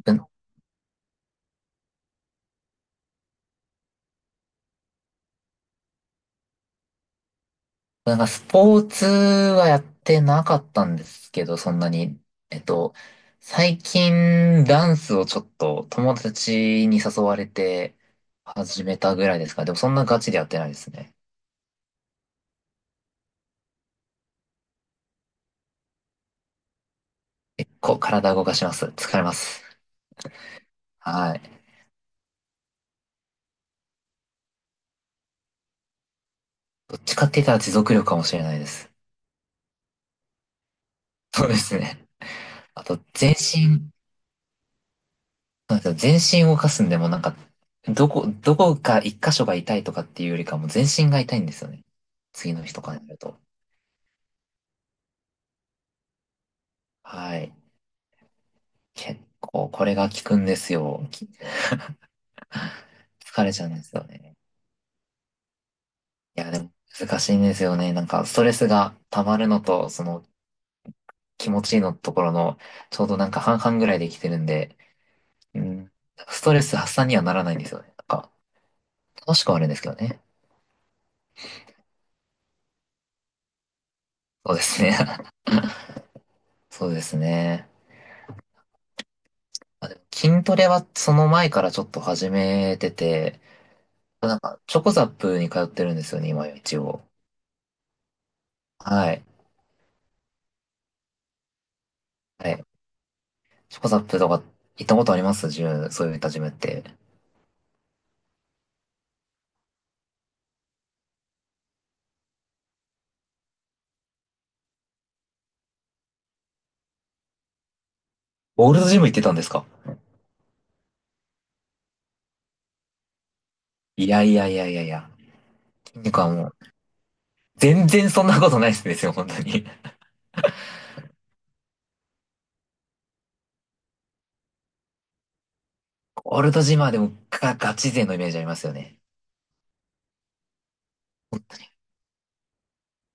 僕、なんかスポーツはやってなかったんですけど、そんなに。えっと、最近ダンスをちょっと友達に誘われて始めたぐらいですか。でもそんなガチでやってないですね。結構体動かします。疲れます。はい。どっちかって言ったら持続力かもしれないです。そうですね。あと、全身、そうなんですよ。全身動かすんでもなんか、どこか一箇所が痛いとかっていうよりかも全身が痛いんですよね。次の日とかになると。はい。結構、これが効くんですよ。疲れちゃうんですよね。いや、でも難しいんですよね。なんか、ストレスが溜まるのと、その気持ちいいのところの、ちょうどなんか半々ぐらいできてるんで、うん、ストレス発散にはならないんですよね。なんか、楽しくはあるんですけどね。そうですね。そうですね。筋トレはその前からちょっと始めてて、なんか、チョコザップに通ってるんですよね、今一応。はい。はい、チョコザップとか行ったことありますジム、そういったジムって。オールドジム行ってたんですか。いやいやいやいやいや。筋肉はもう、全然そんなことないですよ、本当に。オールドジムはでもガチ勢のイメージありますよね。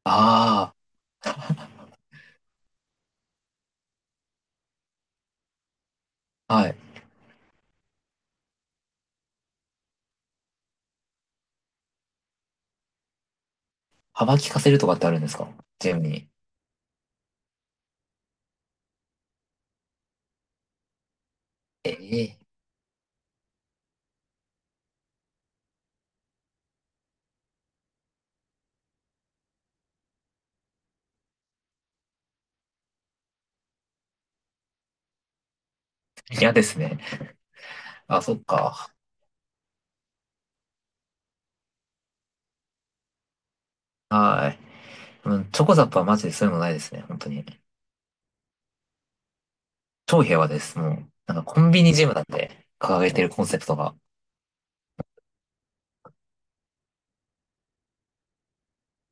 ああ、はい。幅利かせるとかってあるんですか、ジムに。ええ、嫌ですね。あ、そっか。はい。うん、チョコザップはマジでそういうのないですね、本当に。超平和です、もう。なんかコンビニジムだって掲げてるコンセプトが。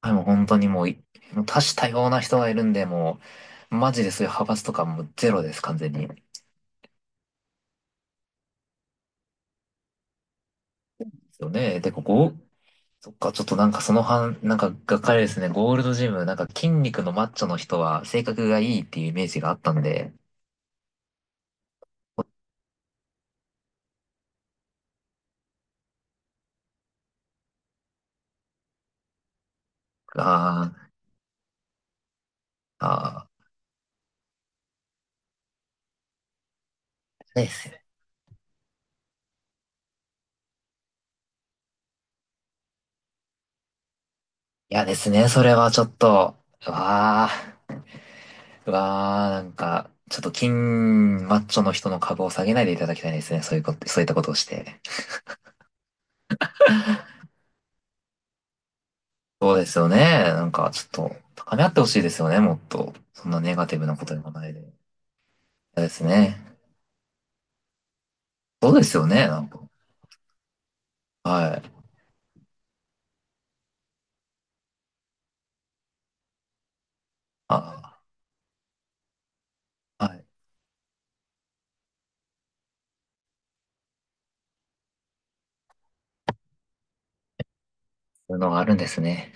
はい、もう本当にもう多種多様な人がいるんで、もう、マジでそういう派閥とかもゼロです、完全に。ですよね。で、ここ、そっか、ちょっとなんかそのなんかがっかりですね。ゴールドジム、なんか筋肉のマッチョの人は性格がいいっていうイメージがあったんで、あー、あー、ですね。いやですね、それはちょっと、うわー、うわー、なんか、ちょっと筋マッチョの人の株を下げないでいただきたいですね。そういうこと、そういったことをして。そうですよね。なんか、ちょっと、高め合ってほしいですよね、もっと。そんなネガティブなこと言わないで。嫌ですね。そうですよね、なんか。はい。あ、はい。そういうのがあるんですね。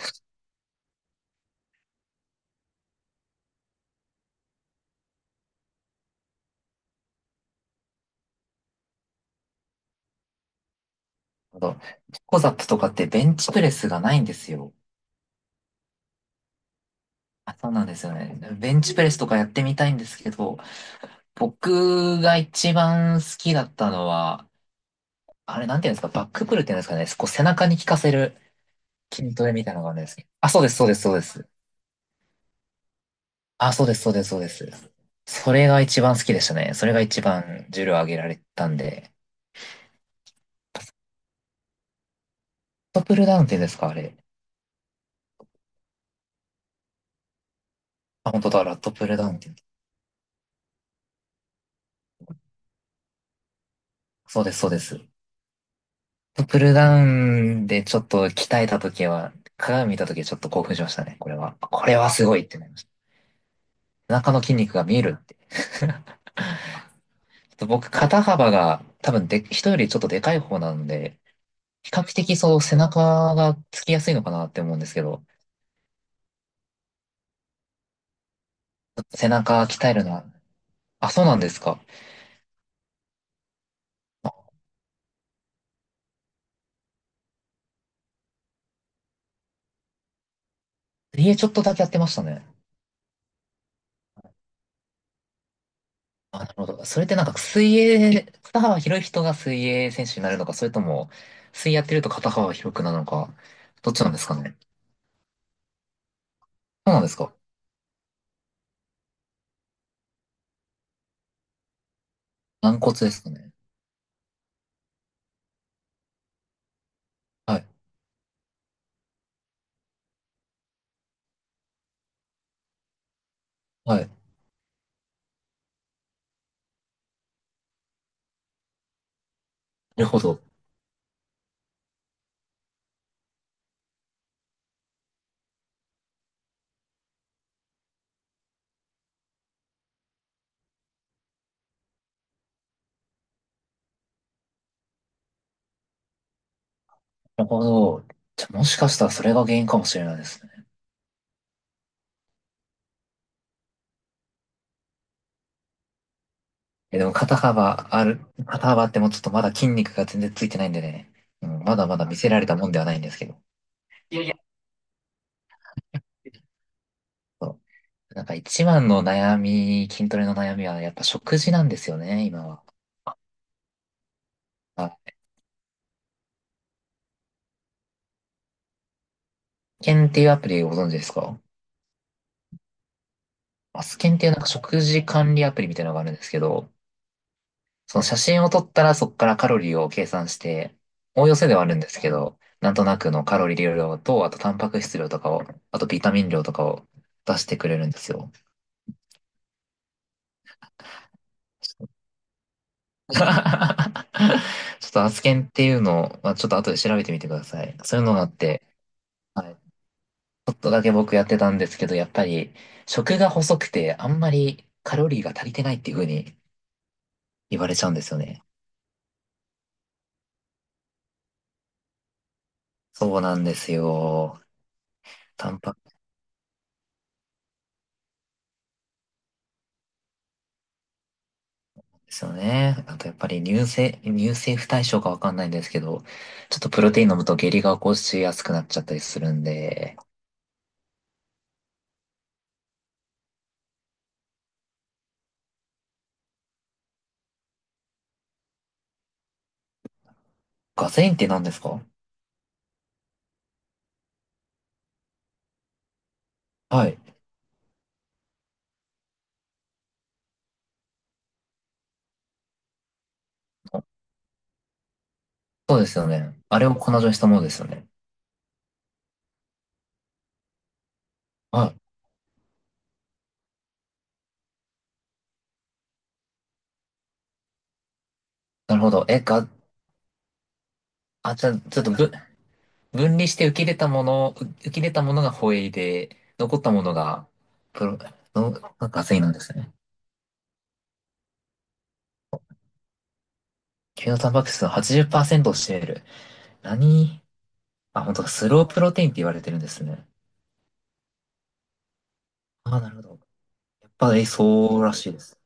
あと、ピコザップとかってベンチプレスがないんですよ。あ、そうなんですよね。ベンチプレスとかやってみたいんですけど、僕が一番好きだったのは、あれなんていうんですか、バックプルっていうんですかね、こう背中に効かせる筋トレみたいなのがあるんですけど。あ、そうです、そうです、そうです。あ、そうです、そうです、そうです。それが一番好きでしたね。それが一番重量上げられたんで。ラットプルダウンって言うんですか、あれ。あ、本当だ、ラットプルダウンって言うんだ。そうです、そうです。ラットプルダウンでちょっと鍛えた時は、鏡見た時ちょっと興奮しましたね、これは。これはすごいってなりました。背中の筋肉が見えるって。ちょっと僕、肩幅が多分で、人よりちょっとでかい方なんで、比較的そう、背中がつきやすいのかなって思うんですけど、背中鍛えるのは、あ、そうなんですか。家ちょっとだけやってましたね。あ、なるほど。それってなんか水泳、肩幅広い人が水泳選手になるのか、それとも、水泳やってると肩幅広くなるのか、どっちなんですかね。そうなんですか。軟骨ですかね。はい。はい。なるほど。なるほど。じゃあ、もしかしたらそれが原因かもしれないですね。え、でも肩幅ある、肩幅ってもうちょっとまだ筋肉が全然ついてないんでね。うん、まだまだ見せられたもんではないんですけど。いやいや。そう。なんか一番の悩み、筋トレの悩みはやっぱ食事なんですよね、今は。はい、スケンっていうアプリご存知ですか。あ、アスケンっていうなんか食事管理アプリみたいなのがあるんですけど、その写真を撮ったらそこからカロリーを計算して、おおよせではあるんですけど、なんとなくのカロリー量と、あとタンパク質量とかを、あとビタミン量とかを出してくれるんですよ。ちょっとアスケンっていうのを、まあ、ちょっと後で調べてみてください。そういうのがあって、はい、ちょっとだけ僕やってたんですけど、やっぱり食が細くてあんまりカロリーが足りてないっていう風に言われちゃうんですよね。そうなんですよ。タンパク質ですよね。あとやっぱり乳製不対症かわかんないんですけど、ちょっとプロテイン飲むと下痢が起こしやすくなっちゃったりするんで、ガゼインって何ですか。はい。あ、そうですよね。あれを粉状にしたものですよね。はい。なるほど。あ、じゃあ、ちょっとぶ、分離して受け入れたもの、受け入れたものがホエイで、残ったものが、プロ、がガゼインなんですね。牛のタンパク質の80%を占める。何あ、本当だスロープロテインって言われてるんですね。ああ、なるほど。やっぱり、えそうらしいです。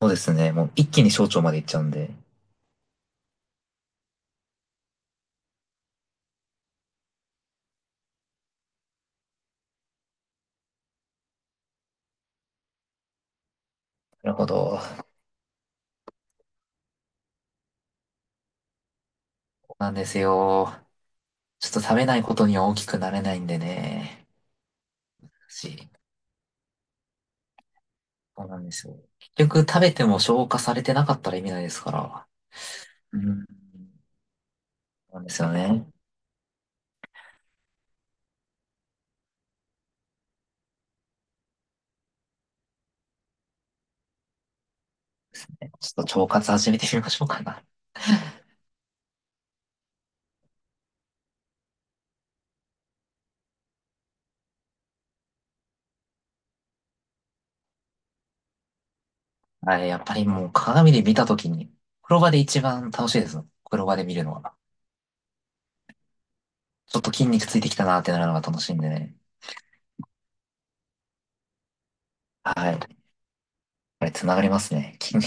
そうですね。もう一気に小腸まで行っちゃうんで。なるほど。そうなんですよ。ちょっと食べないことには大きくなれないんでね。し、そうなんですよ。結局食べても消化されてなかったら意味ないですから。うん。そうなんですよね。ちょっと腸活始めてみましょうかな。はい、やっぱりもう鏡で見たときに、風呂場で一番楽しいです。風呂場で見るのは。ちょっと筋肉ついてきたなってなるのが楽しいんでね。はい。これ繋がりますね。筋